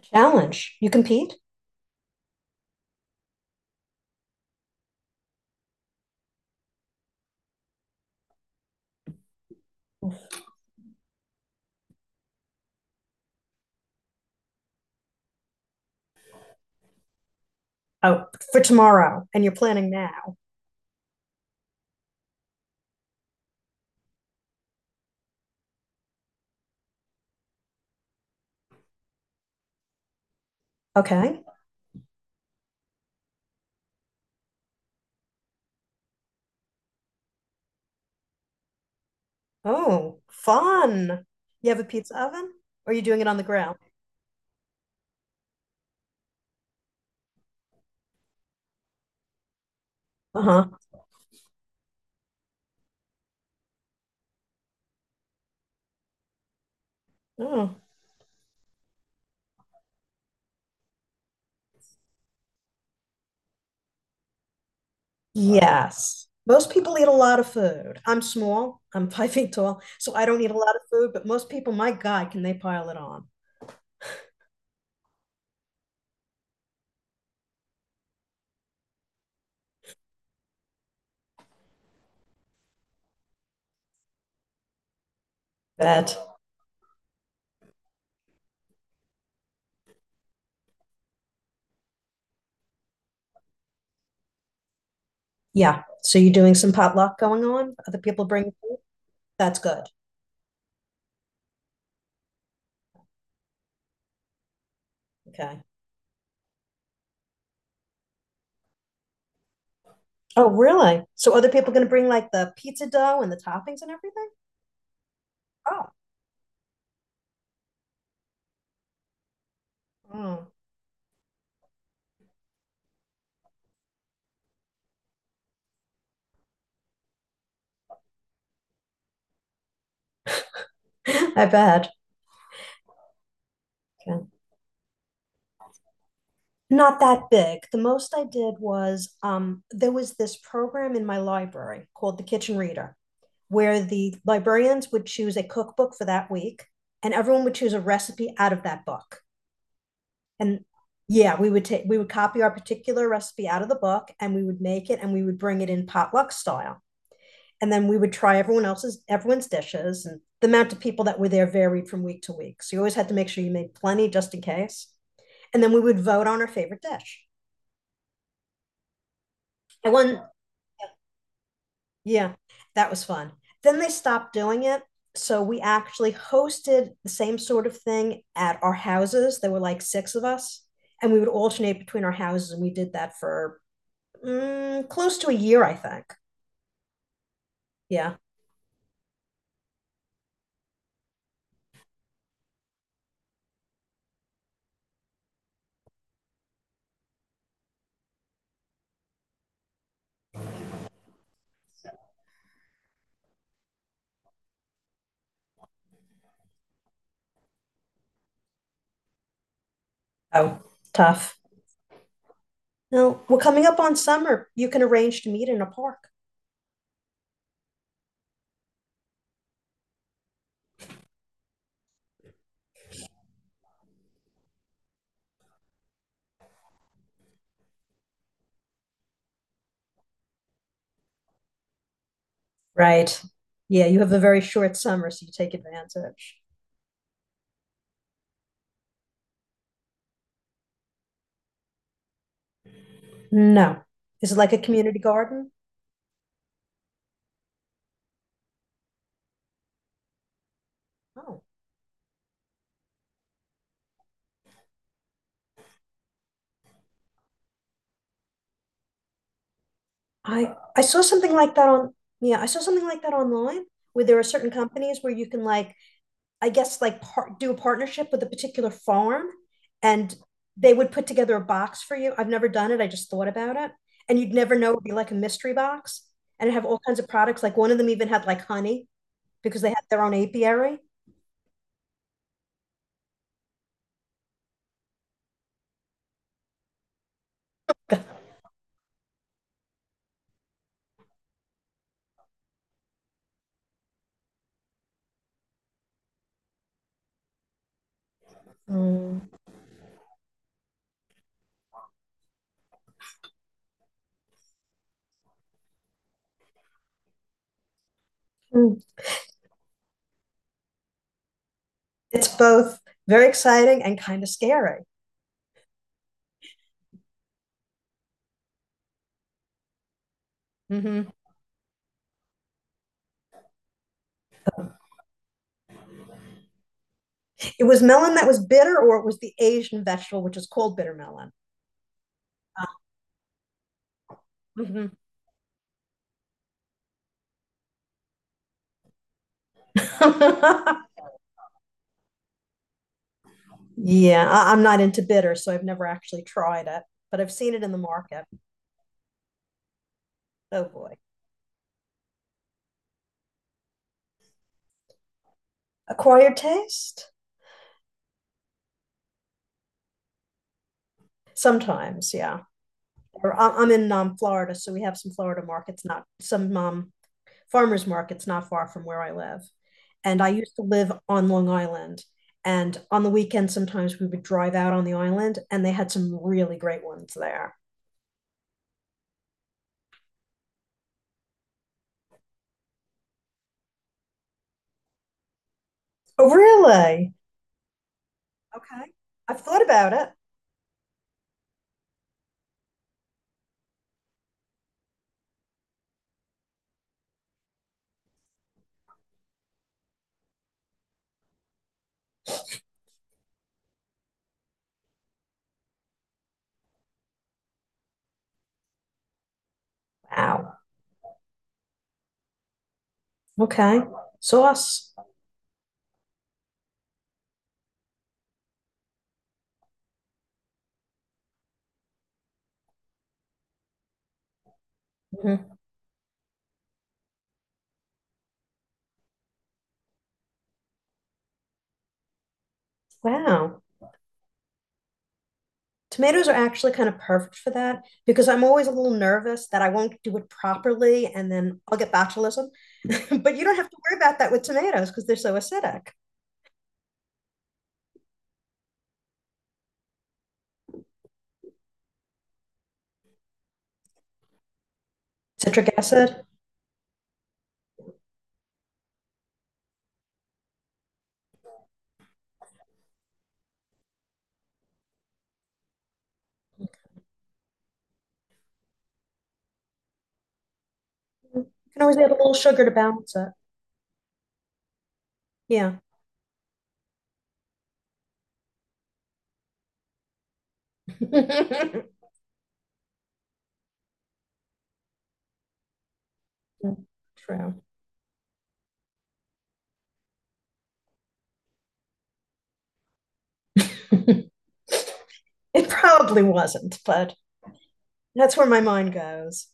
Challenge. You compete? Oh, for tomorrow, and you're planning now. Okay. Oh, fun. You have a pizza oven, or are you doing it on the grill? Uh-huh. Oh, yes. Most people eat a lot of food. I'm small. I'm 5 feet tall, so I don't eat a lot of food, but most people, my God, can they pile it on? But yeah. So you're doing some potluck going on? Other people bring food? That's good. Okay. Oh, really? So other people going to bring like the pizza dough and the toppings and everything? Oh. Mm. I bet. Yeah. Not that big. The most I did was there was this program in my library called the Kitchen Reader, where the librarians would choose a cookbook for that week, and everyone would choose a recipe out of that book. And yeah, we would copy our particular recipe out of the book, and we would make it, and we would bring it in potluck style. And then we would try everyone's dishes, and the amount of people that were there varied from week to week. So you always had to make sure you made plenty just in case. And then we would vote on our favorite dish. I won. Yeah, that was fun. Then they stopped doing it. So we actually hosted the same sort of thing at our houses. There were like six of us, and we would alternate between our houses. And we did that for close to a year, I think. Yeah. Oh, tough. No, we're coming up on summer. You can arrange to meet in a park. Right. Yeah, you have a very short summer, so you take advantage. No. Is it like a community garden? Oh, I saw something like that on yeah, I saw something like that online where there are certain companies where you can like I guess like par do a partnership with a particular farm, and they would put together a box for you. I've never done it. I just thought about it. And you'd never know, it'd be like a mystery box and it'd have all kinds of products. Like one of them even had like honey because they had their own apiary. Mm. Mm. It's both very exciting and kind of scary. Mhm. It was melon that was bitter or it was the Asian vegetable which is called bitter melon. Mhm. Yeah, I'm not into bitter, so I've never actually tried it, but I've seen it in the market. Oh boy. Acquired taste? Sometimes, yeah. I'm in Florida, so we have some Florida markets, not some farmers markets not far from where I live. And I used to live on Long Island. And on the weekend, sometimes we would drive out on the island, and they had some really great ones there. Oh, really? Okay. I've thought about it. Wow. Okay. Sauce. Mhm. Wow. Tomatoes are actually kind of perfect for that because I'm always a little nervous that I won't do it properly and then I'll get botulism. But you don't have to worry about that with tomatoes because they're so acidic. Citric acid. You can always add a little sugar to balance it. Yeah. True. It probably wasn't, but that's where my mind goes.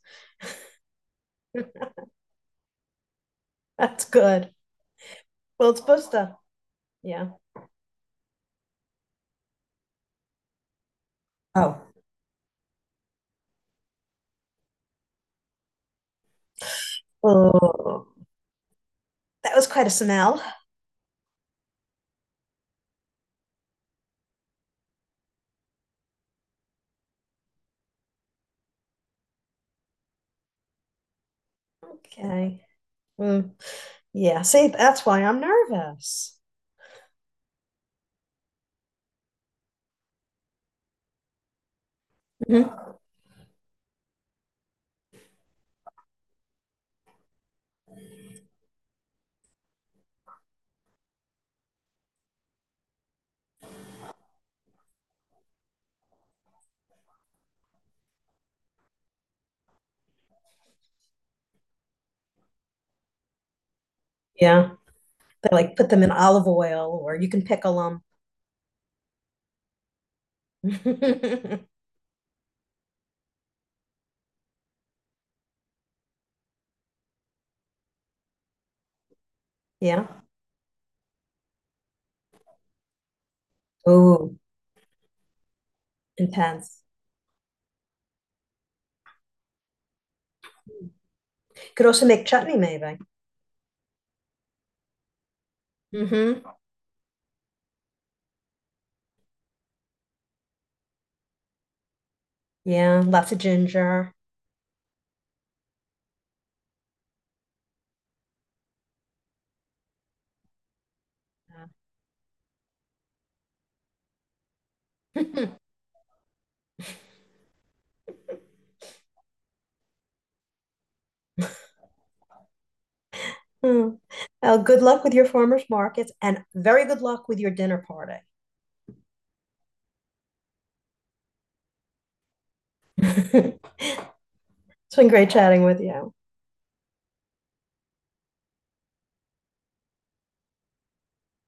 That's good. Well, it's supposed to. Yeah. Oh. Oh. That was quite a smell. Okay. Mm. Yeah, see, that's why I'm nervous. Mhm. Yeah, they like put them in olive oil or you can pickle them. Yeah. Oh, intense. Could also make chutney, maybe. Mm-hmm. Yeah, lots of ginger. Yeah. Hmm. Well, good luck with your farmers markets and very good luck with your dinner party. It's been great chatting with you.